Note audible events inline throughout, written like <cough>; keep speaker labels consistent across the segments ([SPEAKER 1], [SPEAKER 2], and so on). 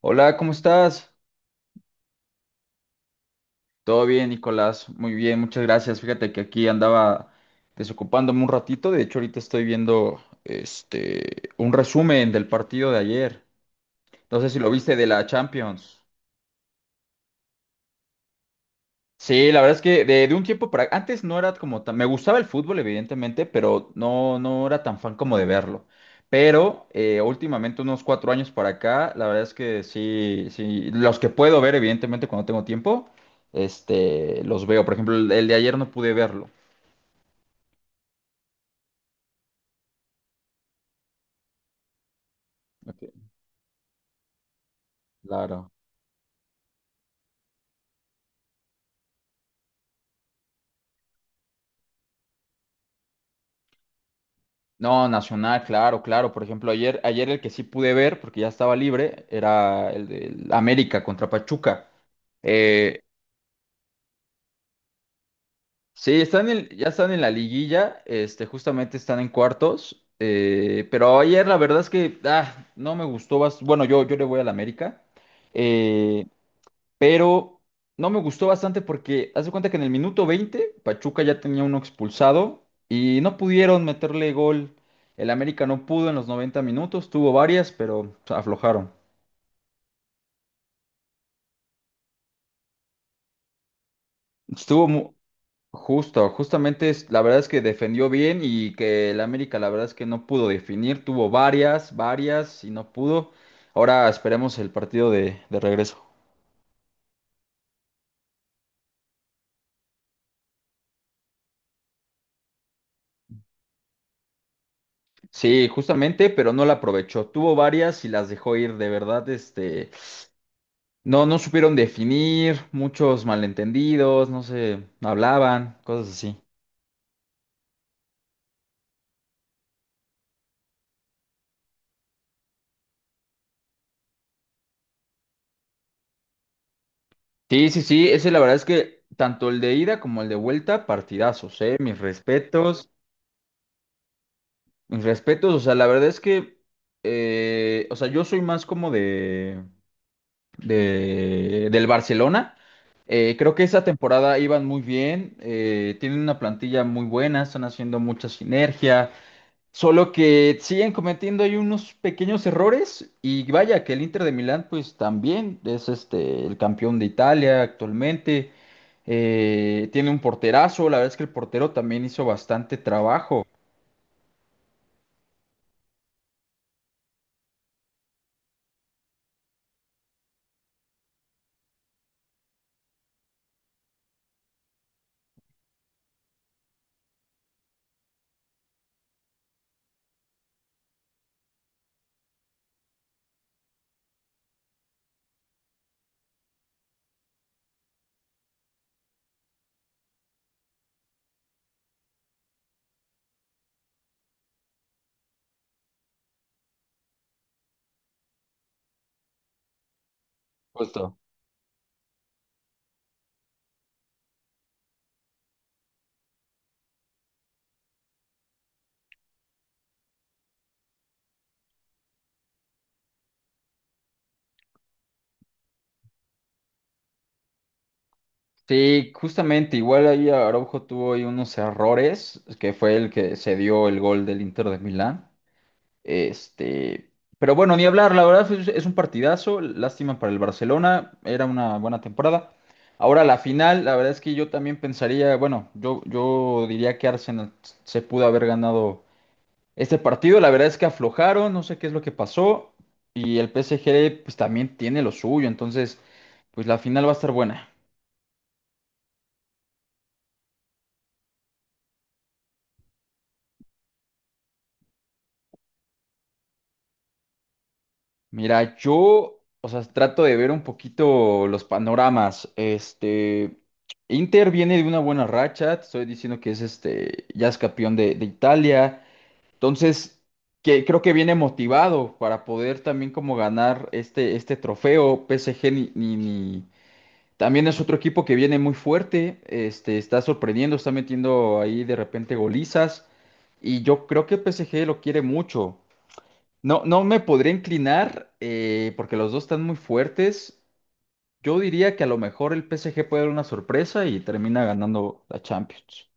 [SPEAKER 1] Hola, ¿cómo estás? Todo bien, Nicolás. Muy bien, muchas gracias. Fíjate que aquí andaba desocupándome un ratito. De hecho, ahorita estoy viendo un resumen del partido de ayer. No sé si lo viste de la Champions. Sí, la verdad es que de un tiempo para antes no era como tan, me gustaba el fútbol evidentemente, pero no era tan fan como de verlo. Pero últimamente unos cuatro años para acá, la verdad es que sí, sí, los que puedo ver evidentemente cuando tengo tiempo, los veo. Por ejemplo, el de ayer no pude verlo. Ok. Claro. No, Nacional, claro, claro. Por ejemplo, ayer el que sí pude ver, porque ya estaba libre, era el de América contra Pachuca. Eh, Sí, ya están en la liguilla, justamente están en cuartos, pero ayer la verdad es que no me gustó, bueno, yo le voy al América, eh, pero no me gustó bastante porque haz de cuenta que en el minuto 20 Pachuca ya tenía uno expulsado y no pudieron meterle gol, el América no pudo en los 90 minutos, tuvo varias, pero aflojaron. Estuvo, mu- Justo, justamente es, la verdad es que defendió bien y que el América la verdad es que no pudo definir, tuvo varias y no pudo. Ahora esperemos el partido de regreso. Sí, justamente, pero no la aprovechó. Tuvo varias y las dejó ir, de verdad, no supieron definir, muchos malentendidos, no se hablaban, cosas así. Sí, sí, sí, ese la verdad es que tanto el de ida como el de vuelta, partidazos, mis respetos. Mis respetos, o sea, la verdad es que, o sea, yo soy más como del Barcelona. Creo que esa temporada iban muy bien, tienen una plantilla muy buena, están haciendo mucha sinergia, solo que siguen cometiendo ahí unos pequeños errores y vaya que el Inter de Milán pues también es el campeón de Italia actualmente, tiene un porterazo, la verdad es que el portero también hizo bastante trabajo. Justo. Sí, justamente, igual ahí Araujo tuvo ahí unos errores, que fue el que se dio el gol del Inter de Milán. Este, pero bueno, ni hablar, la verdad es un partidazo, lástima para el Barcelona, era una buena temporada. Ahora la final, la verdad es que yo también pensaría, bueno, yo diría que Arsenal se pudo haber ganado este partido, la verdad es que aflojaron, no sé qué es lo que pasó, y el PSG pues también tiene lo suyo, entonces pues la final va a estar buena. Mira, yo, o sea, trato de ver un poquito los panoramas. Inter viene de una buena racha, te estoy diciendo que es ya es campeón de Italia, entonces, que creo que viene motivado para poder también como ganar este trofeo. PSG también es otro equipo que viene muy fuerte, está sorprendiendo, está metiendo ahí de repente golizas. Y yo creo que el PSG lo quiere mucho. No, no me podría inclinar, porque los dos están muy fuertes. Yo diría que a lo mejor el PSG puede dar una sorpresa y termina ganando la Champions.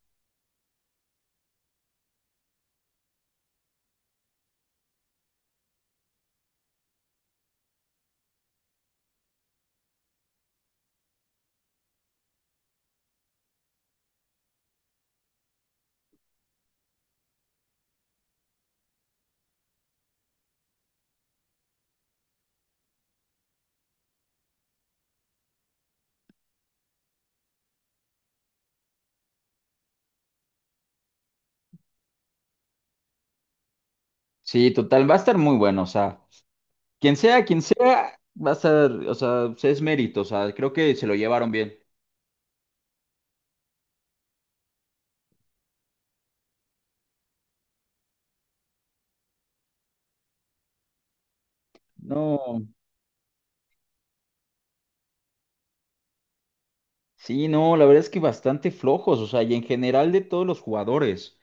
[SPEAKER 1] Sí, total, va a estar muy bueno. O sea, quien sea, quien sea, va a estar, o sea, sí es mérito. O sea, creo que se lo llevaron bien. No. Sí, no, la verdad es que bastante flojos, o sea, y en general de todos los jugadores.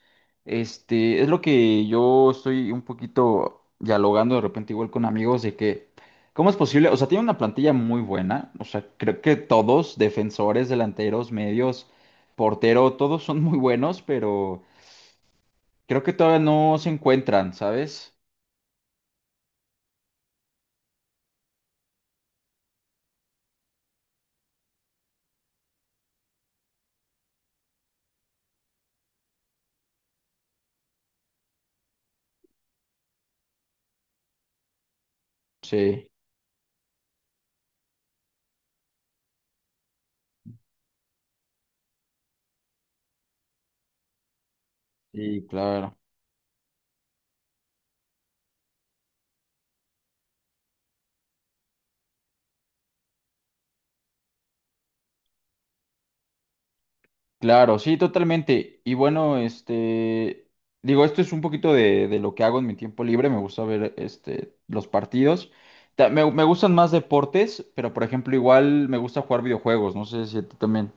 [SPEAKER 1] Es lo que yo estoy un poquito dialogando de repente igual con amigos de que, ¿cómo es posible? O sea, tiene una plantilla muy buena, o sea, creo que todos, defensores, delanteros, medios, portero, todos son muy buenos, pero creo que todavía no se encuentran, ¿sabes? Sí, sí, claro. Claro, sí, totalmente. Y bueno, digo, esto es un poquito de lo que hago en mi tiempo libre. Me gusta ver, los partidos. Me gustan más deportes, pero por ejemplo, igual me gusta jugar videojuegos. No sé si a ti también.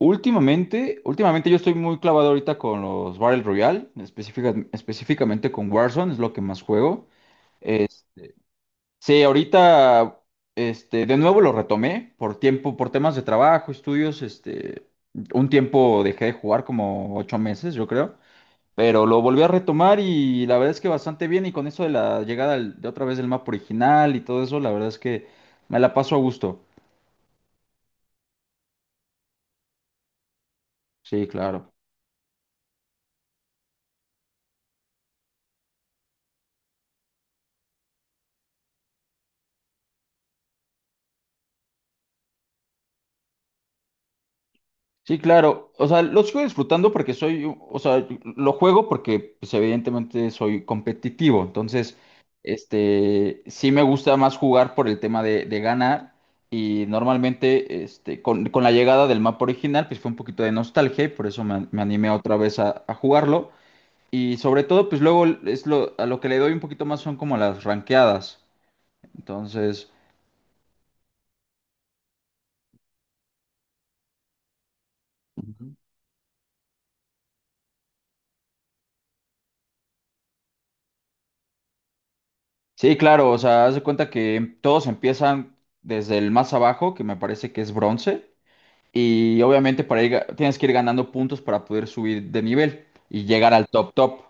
[SPEAKER 1] Últimamente yo estoy muy clavado ahorita con los Battle Royale, específicamente con Warzone, es lo que más juego. Sí, ahorita, de nuevo lo retomé por tiempo, por temas de trabajo, estudios, un tiempo dejé de jugar como ocho meses, yo creo, pero lo volví a retomar y la verdad es que bastante bien y con eso de la llegada de otra vez del mapa original y todo eso, la verdad es que me la paso a gusto. Sí, claro. Sí, claro. O sea, lo sigo disfrutando porque o sea, lo juego porque, pues, evidentemente soy competitivo. Entonces, sí me gusta más jugar por el tema de ganar. Y normalmente, con la llegada del mapa original, pues fue un poquito de nostalgia y por eso me animé otra vez a jugarlo. Y sobre todo, pues luego es lo, a lo que le doy un poquito más son como las ranqueadas. Entonces. Sí, claro, o sea, haz de cuenta que todos empiezan desde el más abajo, que me parece que es bronce, y obviamente para ir, tienes que ir ganando puntos para poder subir de nivel y llegar al top top.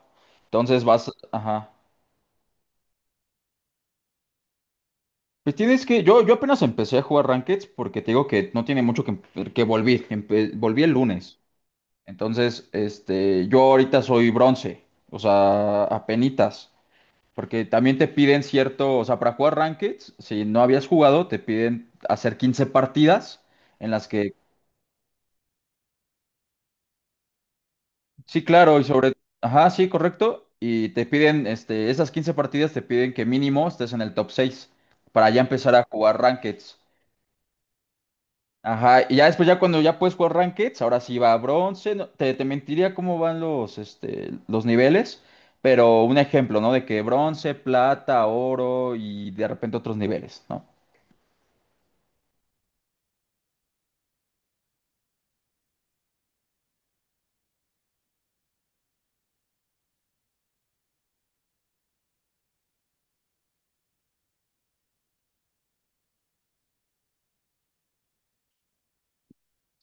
[SPEAKER 1] Entonces vas, ajá. Pues tienes que, yo apenas empecé a jugar Rankeds porque te digo que no tiene mucho que, que volví, volví el lunes. Entonces, yo ahorita soy bronce, o sea, apenitas. Porque también te piden cierto, o sea, para jugar Rankeds, si no habías jugado, te piden hacer 15 partidas en las que, sí, claro, y sobre, ajá, sí, correcto, y te piden, esas 15 partidas te piden que mínimo estés en el top 6 para ya empezar a jugar Rankeds. Ajá, y ya después, ya cuando ya puedes jugar Rankeds, ahora sí va a bronce, te mentiría cómo van los, los niveles, pero un ejemplo, ¿no? De que bronce, plata, oro y de repente otros niveles, ¿no?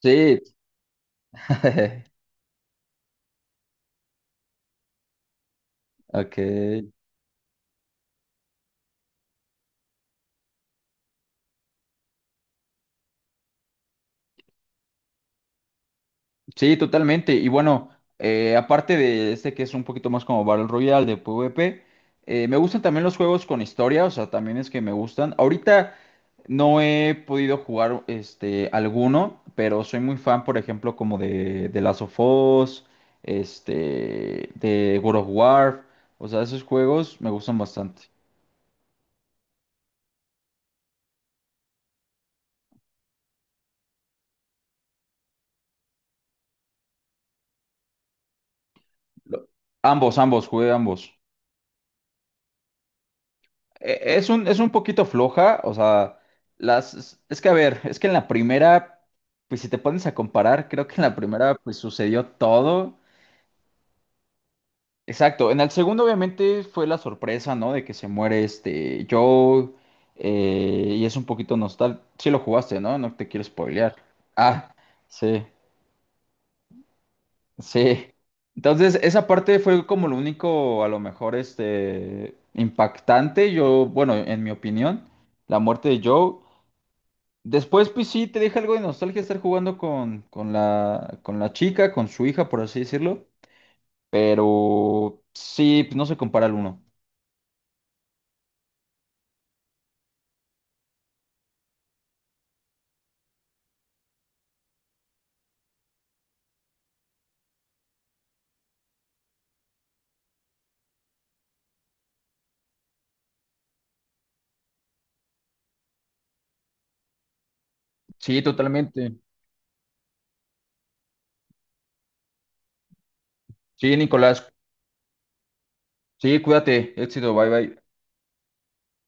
[SPEAKER 1] Sí. <laughs> Ok. Sí, totalmente. Y bueno, aparte de que es un poquito más como Battle Royale de PvP, me gustan también los juegos con historia, o sea, también es que me gustan. Ahorita no he podido jugar alguno, pero soy muy fan, por ejemplo, como de Last of Us, de World of War. O sea, esos juegos me gustan bastante. Lo- Ambos, ambos, jugué ambos. Es un poquito floja, o sea, las, es que a ver, es que en la primera, pues si te pones a comparar, creo que en la primera pues sucedió todo. Exacto, en el segundo obviamente fue la sorpresa, ¿no? De que se muere Joe, y es un poquito nostal. Sí lo jugaste, ¿no? No te quiero spoilear. Ah, sí, sí. Entonces, esa parte fue como lo único, a lo mejor, impactante, yo, bueno, en mi opinión, la muerte de Joe. Después, pues sí, te deja algo de nostalgia estar jugando con la chica, con su hija, por así decirlo. Pero sí, pues, no se compara al uno. Sí, totalmente. Sí, Nicolás. Sí, cuídate. Éxito. Bye, bye.